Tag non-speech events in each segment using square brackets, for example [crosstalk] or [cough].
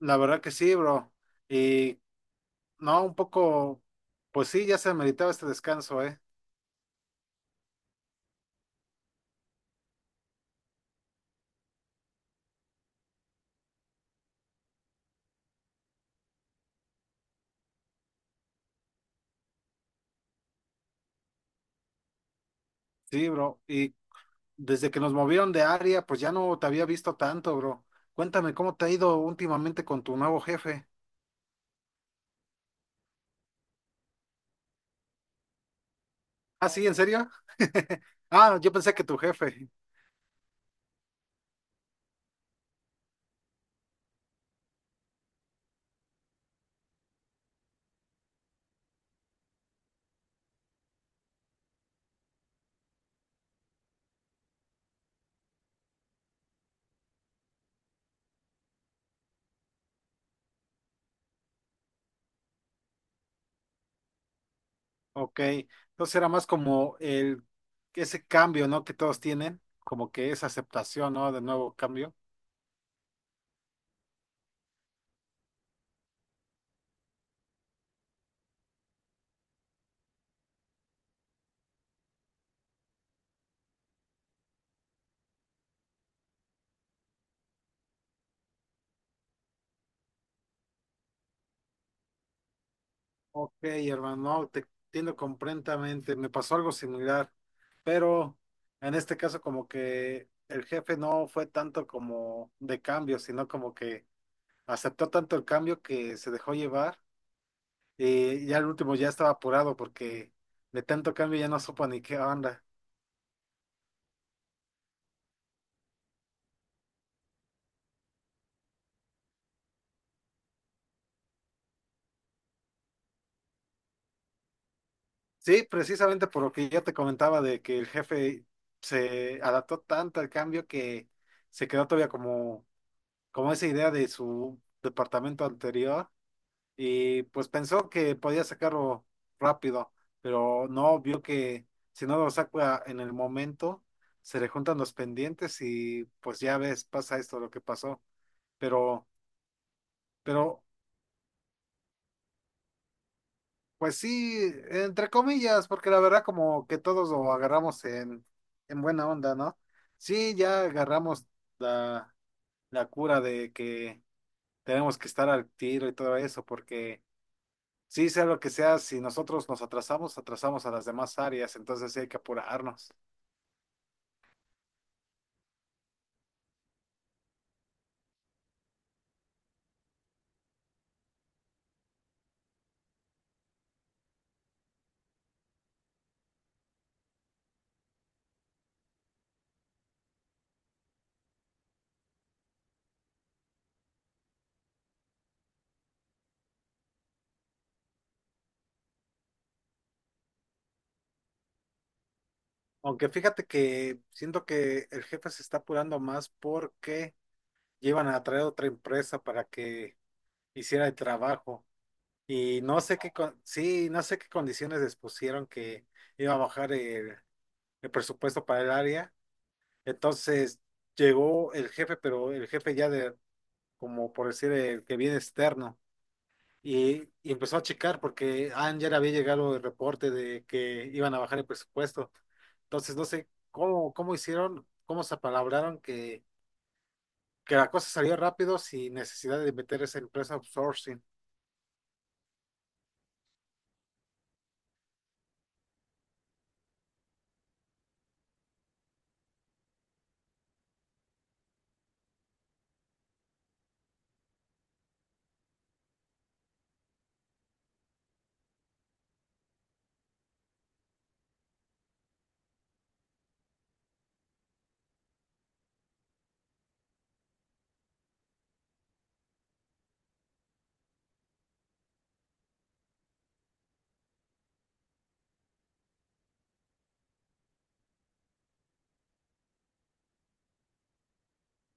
La verdad que sí, bro. Y no, un poco, pues sí, ya se meditaba este descanso, ¿eh? Sí, bro. Y desde que nos movieron de área, pues ya no te había visto tanto, bro. Cuéntame, ¿cómo te ha ido últimamente con tu nuevo jefe? Ah, sí, ¿en serio? [laughs] Ah, yo pensé que tu jefe. Ok. Entonces era más como ese cambio, ¿no? Que todos tienen, como que esa aceptación, ¿no? De nuevo cambio. Ok, hermano, no, te entiendo completamente. Me pasó algo similar, pero en este caso como que el jefe no fue tanto como de cambio, sino como que aceptó tanto el cambio que se dejó llevar y ya el último ya estaba apurado porque de tanto cambio ya no supo ni qué onda. Sí, precisamente por lo que ya te comentaba de que el jefe se adaptó tanto al cambio que se quedó todavía como, como esa idea de su departamento anterior y pues pensó que podía sacarlo rápido, pero no, vio que si no lo saca en el momento, se le juntan los pendientes y pues ya ves, pasa esto lo que pasó. Pero, pero, pues sí, entre comillas, porque la verdad como que todos lo agarramos en buena onda, ¿no? Sí, ya agarramos la, la cura de que tenemos que estar al tiro y todo eso, porque sí, sea lo que sea, si nosotros nos atrasamos, atrasamos a las demás áreas, entonces sí hay que apurarnos. Aunque fíjate que siento que el jefe se está apurando más porque llevan a traer otra empresa para que hiciera el trabajo. Y no sé qué sí, no sé qué condiciones les pusieron que iba a bajar el presupuesto para el área. Entonces llegó el jefe, pero el jefe ya de, como por decir, el que viene externo. Y empezó a checar porque Anger había llegado el reporte de que iban a bajar el presupuesto. Entonces, no sé cómo hicieron, cómo se apalabraron que la cosa salió rápido sin necesidad de meter esa empresa outsourcing.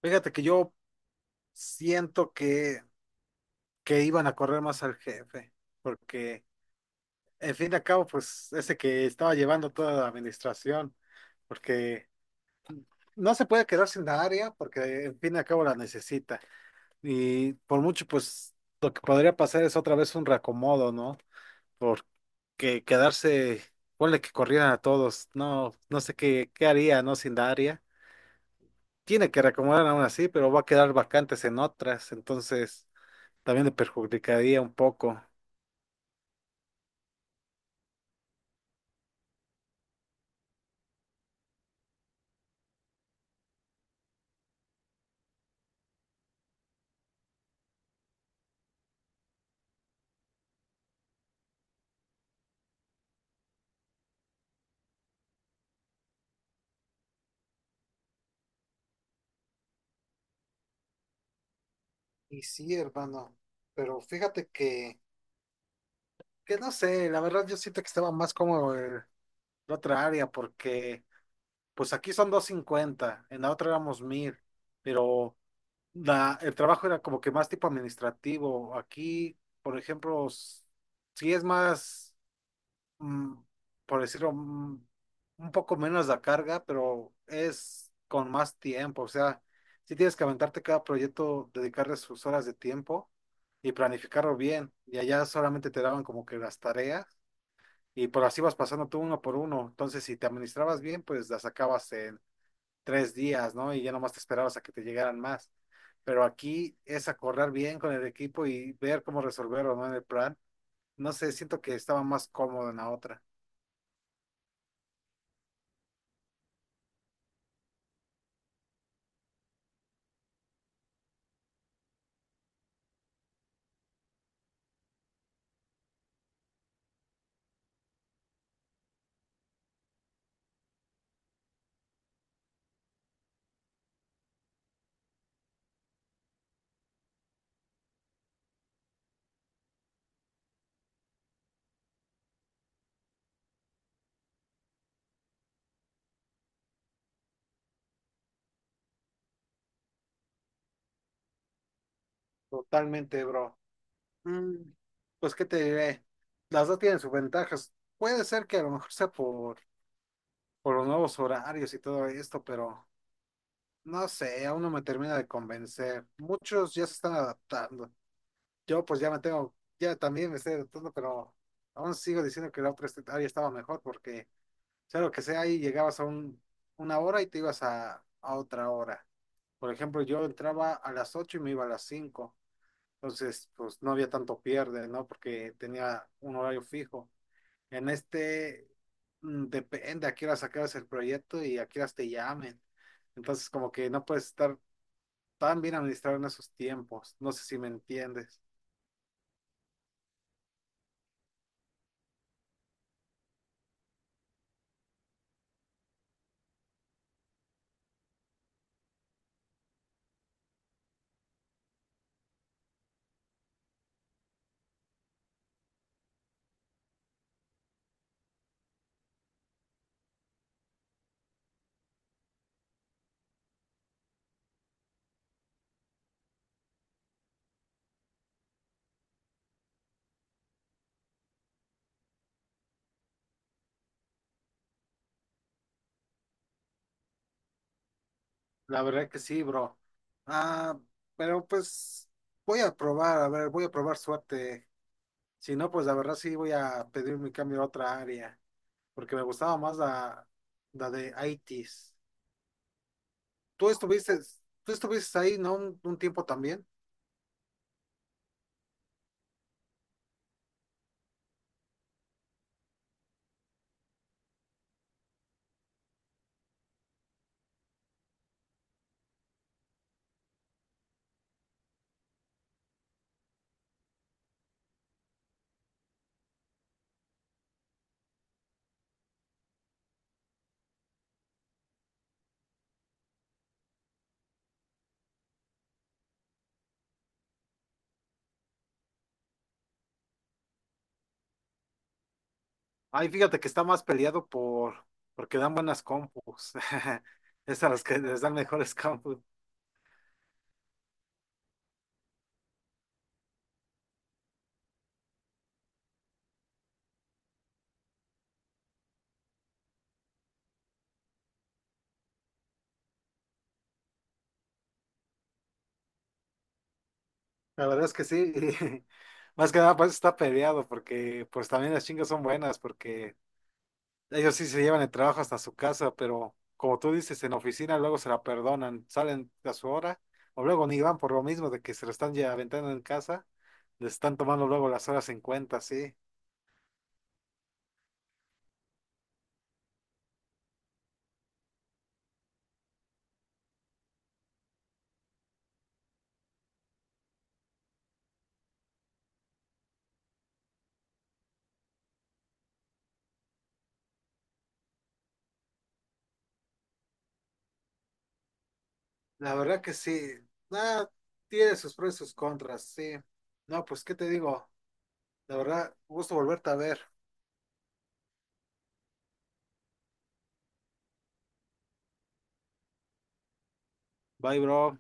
Fíjate que yo siento que iban a correr más al jefe, porque en fin de cabo, pues ese que estaba llevando toda la administración, porque no se puede quedar sin la área, porque en fin de cabo la necesita. Y por mucho, pues lo que podría pasar es otra vez un reacomodo, ¿no? Porque quedarse, ponle que corrieran a todos, no, no sé qué, qué haría, ¿no? Sin Daria. Tiene que reacomodar aún así, pero va a quedar vacantes en otras, entonces también le perjudicaría un poco. Y sí, hermano, pero fíjate que no sé, la verdad yo siento que estaba más cómodo la otra área, porque pues aquí son 250, en la otra éramos 1000. Pero la, el trabajo era como que más tipo administrativo. Aquí, por ejemplo, sí es más, mm, por decirlo, un poco menos la carga, pero es con más tiempo. O sea, sí tienes que aventarte cada proyecto, dedicarle sus horas de tiempo y planificarlo bien. Y allá solamente te daban como que las tareas y por así vas pasando tú uno por uno. Entonces, si te administrabas bien, pues las sacabas en 3 días, ¿no? Y ya nomás te esperabas a que te llegaran más. Pero aquí es acordar bien con el equipo y ver cómo resolverlo, ¿no? En el plan. No sé, siento que estaba más cómodo en la otra. Totalmente, bro. Mm, pues, ¿qué te diré? Las dos tienen sus ventajas. Puede ser que a lo mejor sea por los nuevos horarios y todo esto, pero no sé, aún no me termina de convencer. Muchos ya se están adaptando. Yo pues ya me tengo, ya también me estoy adaptando, pero aún sigo diciendo que la otra área estaba mejor porque sea lo que sea, ahí llegabas a un, una hora y te ibas a otra hora. Por ejemplo, yo entraba a las 8 y me iba a las 5, entonces pues no había tanto pierde, ¿no? Porque tenía un horario fijo. En este depende a qué horas sacabas el proyecto y a qué horas te llamen. Entonces como que no puedes estar tan bien administrado en esos tiempos. No sé si me entiendes. La verdad que sí, bro. Ah, pero pues voy a probar, a ver, voy a probar suerte. Si no, pues la verdad sí voy a pedir mi cambio a otra área, porque me gustaba más la, la de ITs. Tú estuviste, tú estuviste ahí, ¿no? Un tiempo también. Ay, fíjate que está más peleado porque dan buenas compus. [laughs] Es a las que les dan mejores compus. La verdad es que sí. [laughs] Más que nada, pues está peleado, porque pues también las chingas son buenas, porque ellos sí se llevan el trabajo hasta su casa, pero como tú dices, en oficina luego se la perdonan, salen a su hora, o luego ni van por lo mismo de que se lo están ya aventando en casa, les están tomando luego las horas en cuenta, sí. La verdad que sí, nada, tiene sus pros y sus contras, sí. No, pues, ¿qué te digo? La verdad, gusto volverte a ver. Bye, bro.